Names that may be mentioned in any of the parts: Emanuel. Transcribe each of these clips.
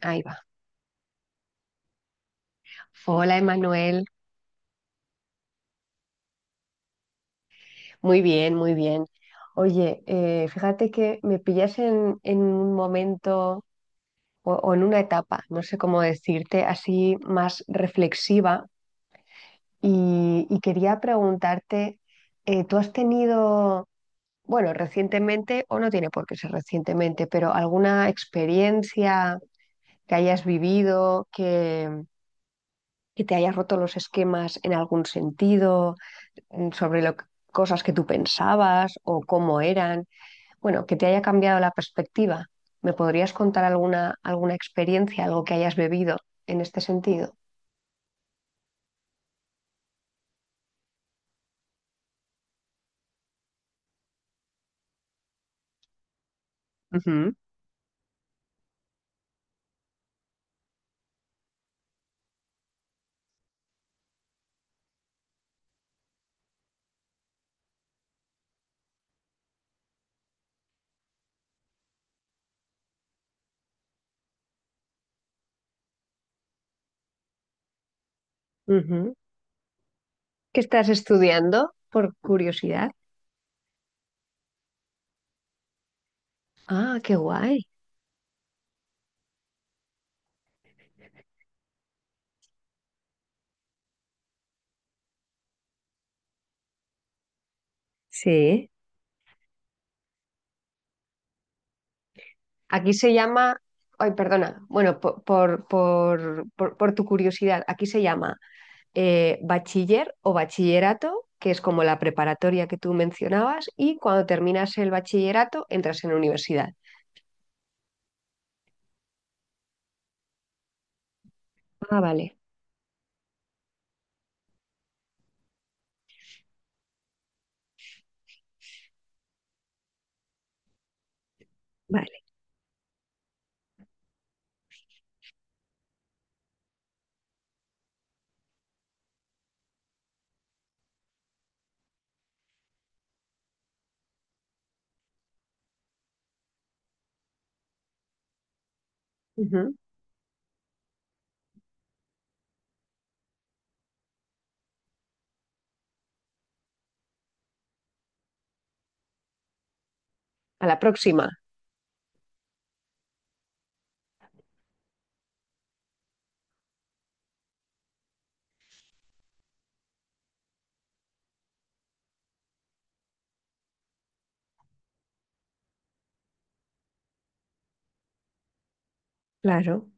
Ahí va. Hola, Emanuel. Muy bien, muy bien. Oye, fíjate que me pillas en un momento o en una etapa, no sé cómo decirte, así más reflexiva quería preguntarte, ¿tú has tenido, bueno, recientemente, o no tiene por qué ser recientemente, pero alguna experiencia que hayas vivido, que te hayas roto los esquemas en algún sentido? Sobre cosas que tú pensabas o cómo eran, bueno, que te haya cambiado la perspectiva. ¿Me podrías contar alguna, alguna experiencia, algo que hayas bebido en este sentido? Ujú. Ujú. ¿Qué estás estudiando? Por curiosidad. Ah, qué guay. Sí. Aquí se llama, ay, perdona, bueno, por tu curiosidad, aquí se llama bachiller o bachillerato, que es como la preparatoria que tú mencionabas, y cuando terminas el bachillerato entras en la universidad. Ah, vale. Vale. Ujú. A la próxima. Claro.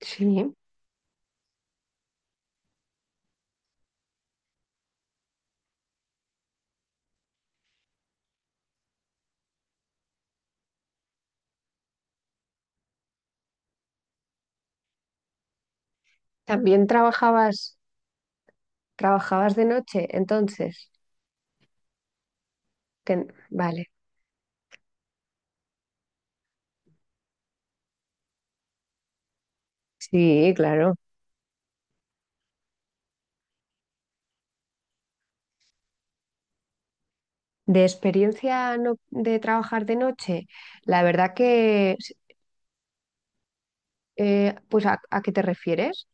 Sí. También trabajabas, trabajabas de noche, entonces. Vale. Sí, claro. De experiencia no- de trabajar de noche, la verdad que, pues, ¿a qué te refieres?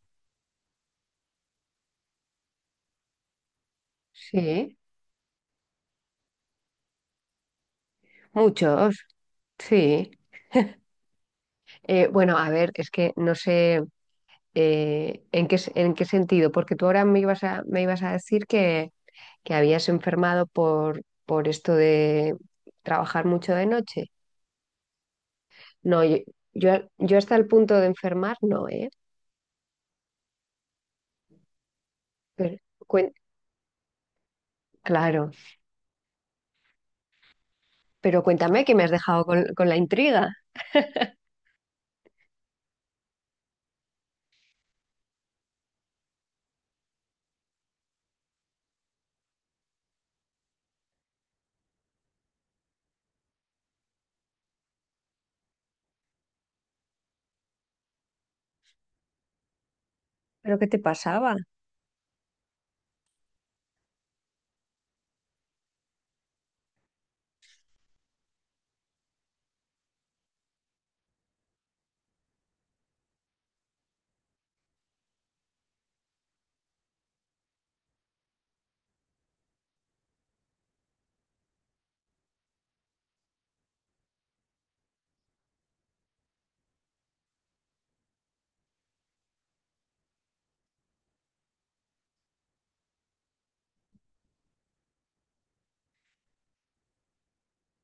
Sí. Muchos. Sí. Bueno, a ver, es que no sé en qué, en qué sentido, porque tú ahora me ibas a decir que habías enfermado por esto de trabajar mucho de noche. No, yo hasta el punto de enfermar no, ¿eh? Pero, cuen- claro, pero cuéntame que me has dejado con la intriga. ¿Pero qué te pasaba?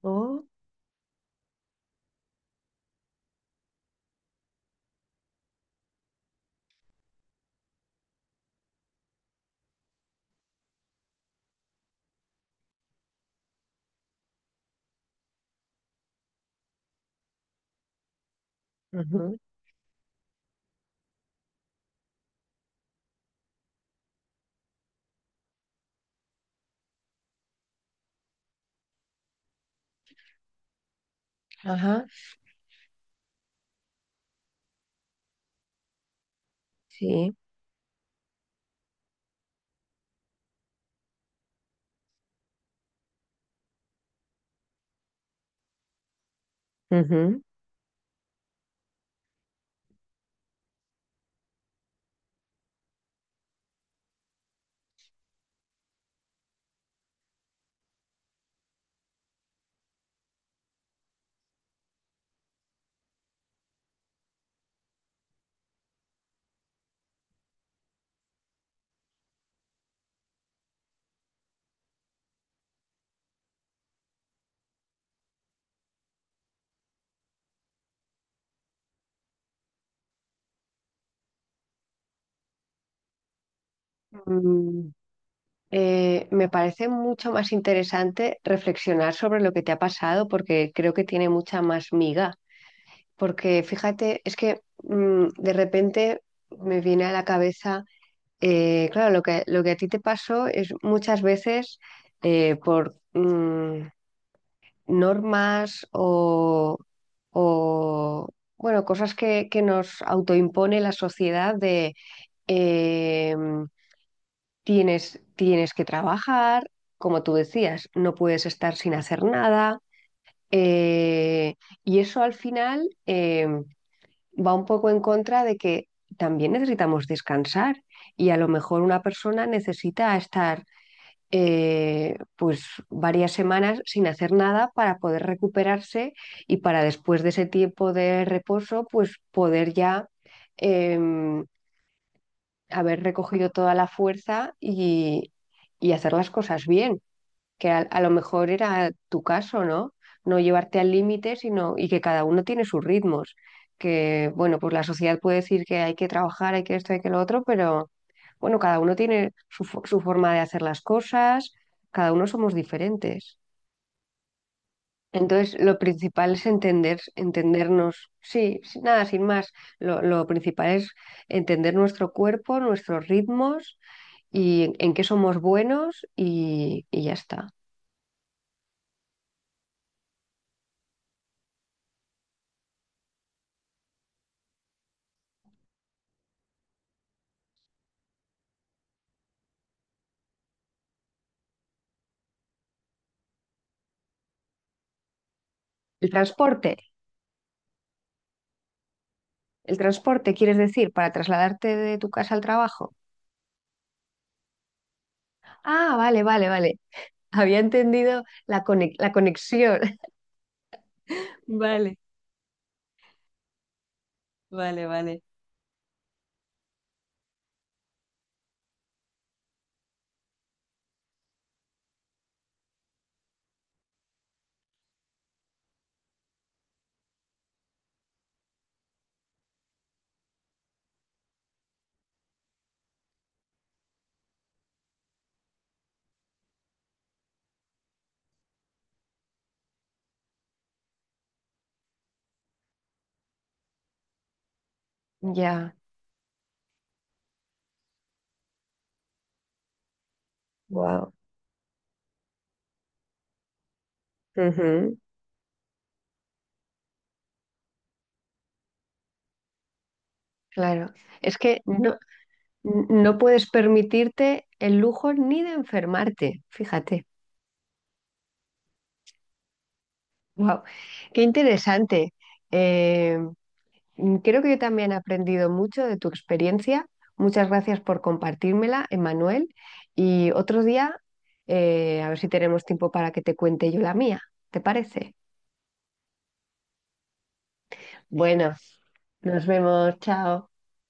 Oh, ujú. Ajá, sí. Ujú. Me parece mucho más interesante reflexionar sobre lo que te ha pasado porque creo que tiene mucha más miga. Porque fíjate, es que de repente me viene a la cabeza, claro, lo que a ti te pasó es muchas veces por normas o, bueno, cosas que nos autoimpone la sociedad de... em, Tienes, tienes que trabajar, como tú decías, no puedes estar sin hacer nada. eh, y eso al final va un poco en contra de que también necesitamos descansar y a lo mejor una persona necesita estar pues varias semanas sin hacer nada para poder recuperarse y para después de ese tiempo de reposo pues poder ya em, haber recogido toda la fuerza y hacer las cosas bien, que a lo mejor era tu caso, ¿no? No llevarte al límite, sino y que cada uno tiene sus ritmos, que bueno, pues la sociedad puede decir que hay que trabajar, hay que esto, hay que lo otro, pero bueno, cada uno tiene su, su forma de hacer las cosas, cada uno somos diferentes. Entonces, lo principal es entender, entendernos, sí, sí, nada, sin más. Lo principal es entender nuestro cuerpo, nuestros ritmos y en qué somos buenos y ya está. El transporte, el transporte, ¿quieres decir para trasladarte de tu casa al trabajo? Ah, vale, vale, vale. Había entendido la la conexión. Vale, vale, vale. Ya, wow. Claro. Es que no, no puedes permitirte el lujo ni de enfermarte, fíjate. Wow. Qué interesante. Eh, Creo que yo también he aprendido mucho de tu experiencia. Muchas gracias por compartírmela, Emanuel. Y otro día, a ver si tenemos tiempo para que te cuente yo la mía. ¿Te parece? Bueno, nos vemos. Chao.